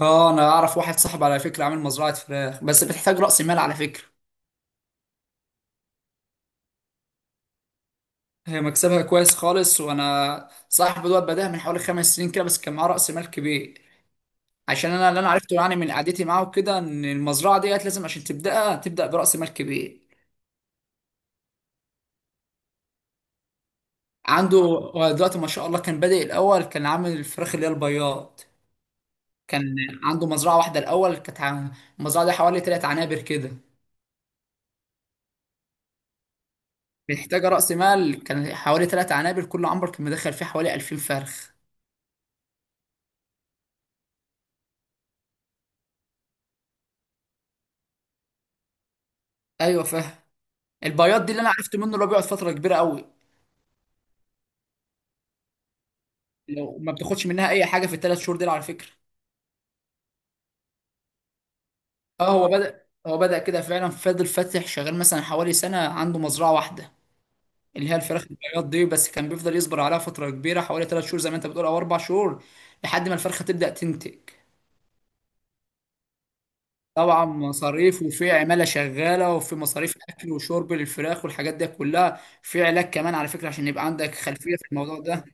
اه، انا اعرف واحد صاحب على فكره عامل مزرعه فراخ، بس بتحتاج راس مال على فكره. هي مكسبها كويس خالص، وانا صاحب دوت بداها من حوالي 5 سنين كده، بس كان معاه راس مال كبير. عشان انا اللي عرفته يعني من قعدتي معاه وكده ان المزرعه ديت لازم عشان تبداها، تبدا براس مال كبير. عنده هو دلوقتي ما شاء الله، كان بادئ الاول كان عامل الفراخ اللي هي البياض. كان عنده مزرعه واحده الاول. المزرعه دي حوالي 3 عنابر كده. محتاجه راس مال، كان حوالي 3 عنابر، كل عنبر كان مدخل فيه حوالي 2000 فرخ. ايوه، فاهم. البياض دي اللي انا عرفت منه، اللي هو بيقعد فتره كبيره قوي. لو ما بتاخدش منها اي حاجه في ال 3 شهور دي على فكره. اه، هو بدا كده فعلا، فضل فاتح شغال مثلا حوالي سنه عنده مزرعه واحده، اللي هي الفراخ البياض دي، بس كان بيفضل يصبر عليها فتره كبيره، حوالي 3 شهور زي ما انت بتقول او 4 شهور، لحد ما الفرخه تبدا تنتج. طبعا مصاريف، وفي عماله شغاله، وفي مصاريف اكل وشرب للفراخ والحاجات دي كلها، في علاج كمان على فكره عشان يبقى عندك خلفيه في الموضوع ده.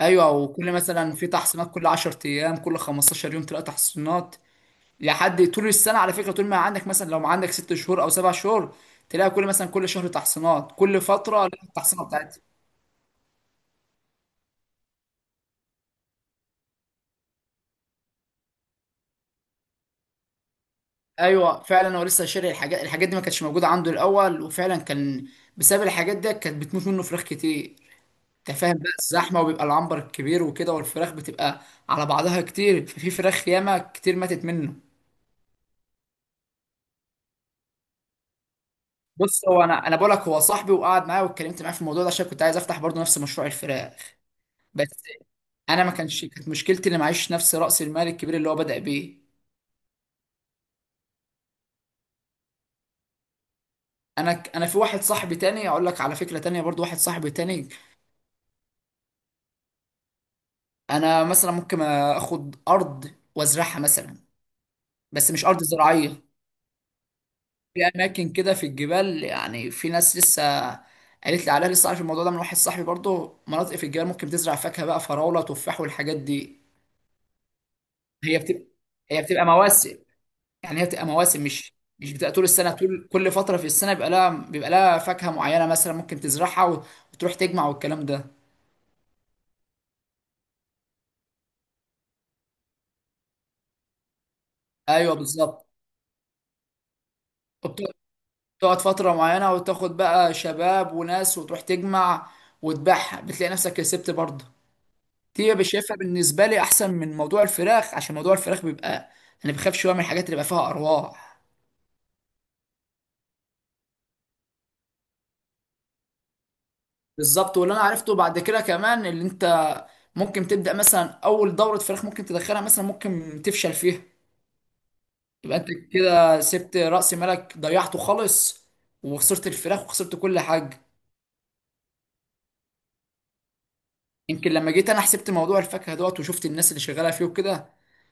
ايوه، وكل مثلا في تحصينات كل 10 ايام، كل 15 يوم تلاقي تحصينات لحد طول السنه على فكره. طول ما عندك مثلا لو عندك 6 شهور او 7 شهور، تلاقي كل مثلا كل شهر تحصينات، كل فتره لها التحصينات بتاعتها. ايوه فعلا، هو لسه شاري الحاجات دي ما كانتش موجوده عنده الاول، وفعلا كان بسبب الحاجات دي كانت بتموت منه فراخ كتير. انت فاهم بقى الزحمه، وبيبقى العنبر الكبير وكده، والفراخ بتبقى على بعضها كتير، ففي فراخ ياما كتير ماتت منه. بص، هو انا بقول لك هو صاحبي وقعد معايا واتكلمت معاه في الموضوع ده، عشان كنت عايز افتح برضه نفس مشروع الفراخ. بس انا ما كانش كانت مشكلتي اني معيش نفس راس المال الكبير اللي هو بدأ بيه. انا في واحد صاحبي تاني اقول لك على فكرة تانية برضه، واحد صاحبي تاني. انا مثلا ممكن اخد ارض وازرعها مثلا، بس مش ارض زراعية. في اماكن كده في الجبال، يعني في ناس لسه قالت لي عليها، لسه عارف الموضوع ده من واحد صاحبي برضه، مناطق في الجبال ممكن تزرع فاكهة بقى، فراولة، تفاح، والحاجات دي. هي بتبقى هي بتبقى مواسم، يعني هي بتبقى مواسم، مش بتبقى طول السنه. طول كل فتره في السنه بيبقى لها فاكهه معينه مثلا ممكن تزرعها وتروح تجمع والكلام ده. ايوه بالظبط، وبتقعد فتره معينه وتاخد بقى شباب وناس وتروح تجمع وتبيعها، بتلاقي نفسك كسبت برضه. دي بشايفها بالنسبه لي احسن من موضوع الفراخ، عشان موضوع الفراخ بيبقى، انا بخاف شويه من الحاجات اللي بيبقى فيها ارواح. بالظبط، واللي انا عرفته بعد كده كمان، اللي انت ممكن تبدا مثلا اول دوره فراخ ممكن تدخلها مثلا، ممكن تفشل فيها، يبقى انت كده سبت رأس مالك ضيعته خالص، وخسرت الفراخ وخسرت كل حاجة. يمكن لما جيت انا حسبت موضوع الفاكهة دوت، وشفت الناس اللي شغالة فيه وكده،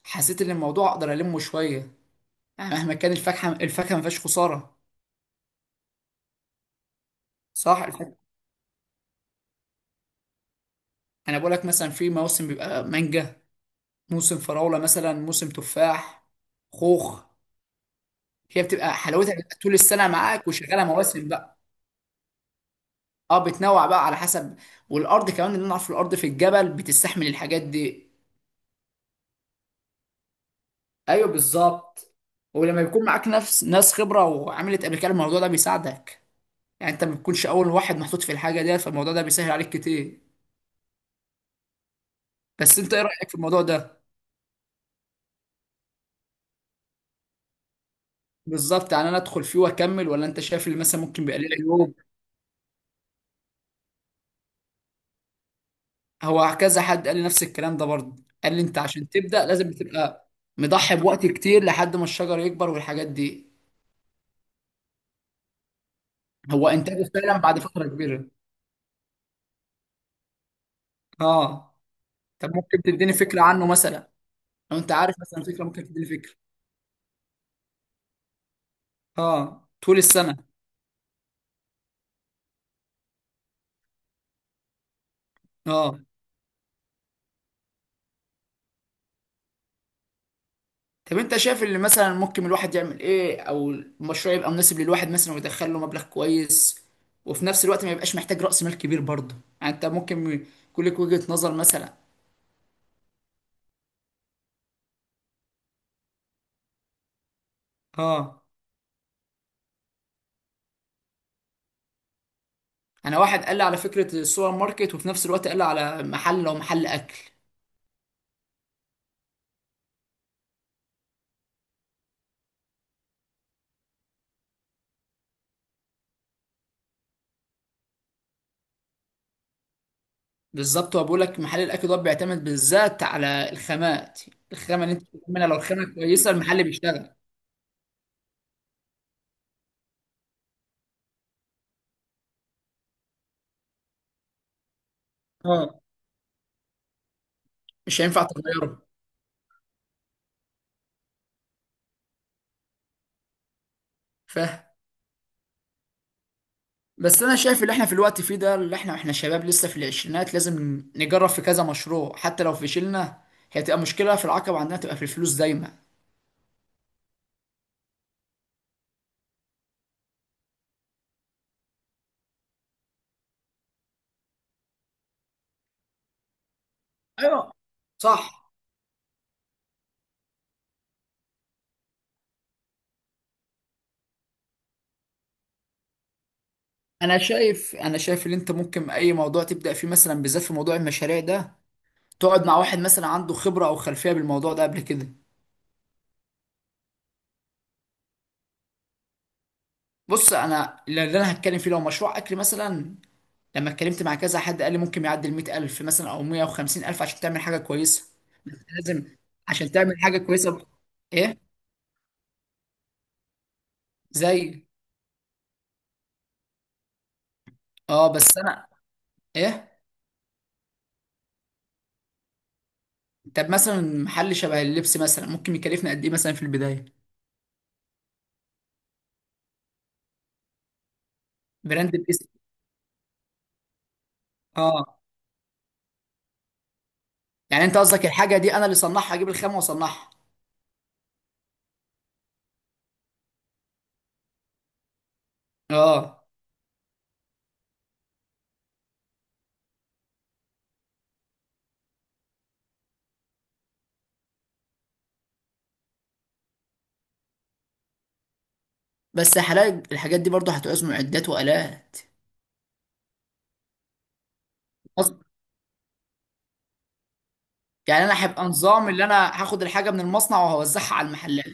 حسيت ان الموضوع اقدر المه شوية. مهما كان، الفاكهة ما فيهاش خسارة. صح، الفاكهة، انا بقول لك مثلا في موسم بيبقى مانجا، موسم فراولة مثلا، موسم تفاح، خوخ. هي بتبقى حلاوتها بتبقى طول السنة معاك، وشغالة مواسم بقى. اه، بتنوع بقى على حسب، والارض كمان اللي نعرف، الارض في الجبل بتستحمل الحاجات دي. ايوه بالظبط. ولما بيكون معاك نفس ناس خبره وعملت قبل كده الموضوع ده بيساعدك، يعني انت ما بتكونش اول واحد محطوط في الحاجه ديت، فالموضوع ده بيسهل عليك كتير. بس انت ايه رايك في الموضوع ده؟ بالظبط، يعني انا ادخل فيه واكمل ولا انت شايف اللي مثلا ممكن بيقلل عيوب؟ هو كذا حد قال لي نفس الكلام ده برضه، قال لي انت عشان تبدا لازم تبقى مضحي بوقت كتير لحد ما الشجر يكبر والحاجات دي. هو انتاجه فعلا بعد فتره كبيره. اه. طب ممكن تديني فكره عنه مثلا؟ لو انت عارف مثلا فكره ممكن تديني فكره. اه، طول السنه. اه، طب انت شايف اللي مثلا ممكن الواحد يعمل ايه، او المشروع يبقى مناسب للواحد مثلا ويدخل له مبلغ كويس، وفي نفس الوقت ما يبقاش محتاج رأس مال كبير برضه؟ يعني انت ممكن يكون لك وجهة نظر مثلا. اه، انا واحد قال لي على فكرة السوبر ماركت، وفي نفس الوقت قال لي على محل، لو محل اكل. بالظبط، هو بيقول لك محل الاكل ده بيعتمد بالذات على الخامات. الخامة اللي انت بتعملها لو الخامة كويسة المحل بيشتغل. اه، مش هينفع تغيره. فاهم. بس انا شايف اللي احنا في الوقت فيه ده، اللي احنا شباب لسه في العشرينات، لازم نجرب في كذا مشروع حتى لو فشلنا. هي تبقى مشكلة، في العقبة عندنا تبقى في الفلوس دايما. ايوه، صح. انا شايف ان انت ممكن اي موضوع تبدأ فيه مثلا، بالذات في موضوع المشاريع ده، تقعد مع واحد مثلا عنده خبرة او خلفية بالموضوع ده قبل كده. بص، انا اللي هتكلم فيه لو مشروع اكل مثلا، لما اتكلمت مع كذا حد قال لي ممكن يعدي ال 100000 مثلا او 150000 عشان تعمل حاجة كويسة. لازم، عشان تعمل حاجة كويسة ب- ايه، زي، اه، بس انا، ايه، طب مثلا محل شبه اللبس مثلا ممكن يكلفني قد ايه مثلا في البدايه؟ براند الاسم. اه، يعني انت قصدك الحاجه دي انا اللي صنعها، اجيب الخامه واصنعها؟ اه، بس حلاقي الحاجات دي برضه هتعوز معدات والات. قصد- يعني انا هيبقى نظام اللي انا هاخد الحاجه من المصنع وهوزعها على المحلات.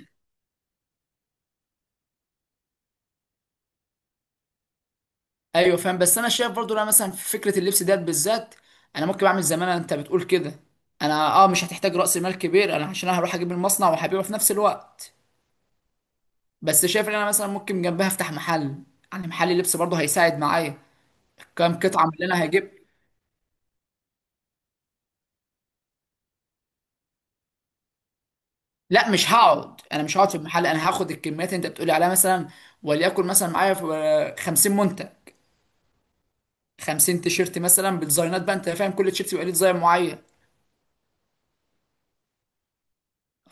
ايوه فاهم، بس انا شايف برضه لا، مثلا في فكره اللبس ديت بالذات، انا ممكن اعمل زي ما انت بتقول كده. انا مش هتحتاج راس مال كبير، انا عشان أنا هروح اجيب المصنع وهبيعه في نفس الوقت. بس شايف ان انا مثلا ممكن جنبها افتح محل، يعني محل لبس برضه هيساعد معايا. كام قطعه من اللي انا هجيب. لا، مش هقعد، انا مش هقعد في المحل، انا هاخد الكميات اللي انت بتقولي عليها مثلا، وليكن مثلا معايا في 50 منتج، 50 تيشيرت مثلا بديزاينات بقى، انت فاهم، كل تيشيرت يبقى ليه ديزاين معين.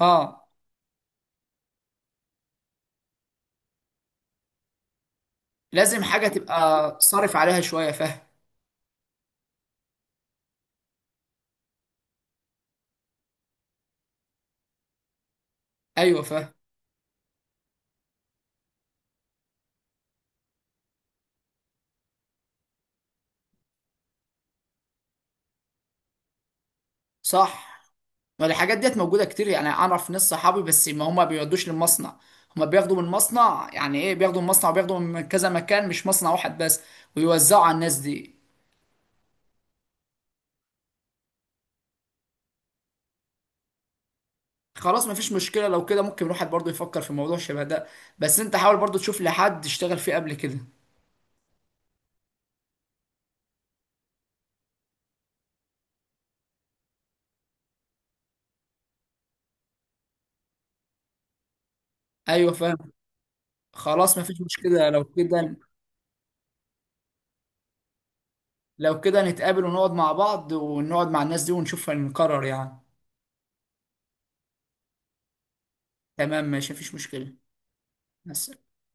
اه، لازم حاجه تبقى صارف عليها شويه، فاهم. ايوه فاهم. صح. الحاجات ديت موجودة كتير، يعني أعرف ناس صحابي، بس ما هما بيودوش للمصنع، هما بياخدوا من المصنع، يعني إيه، بياخدوا من المصنع وبياخدوا من كذا مكان مش مصنع واحد بس، ويوزعوا على الناس دي. خلاص مفيش مشكلة لو كده، ممكن الواحد برضه يفكر في موضوع شبه ده. بس أنت حاول برضه تشوف لحد اشتغل فيه قبل كده. أيوه فاهم. خلاص مفيش مشكلة لو كده. لو كده نتقابل ونقعد مع بعض ونقعد مع الناس دي ونشوف هنقرر يعني. تمام ماشي مفيش مشكلة. بس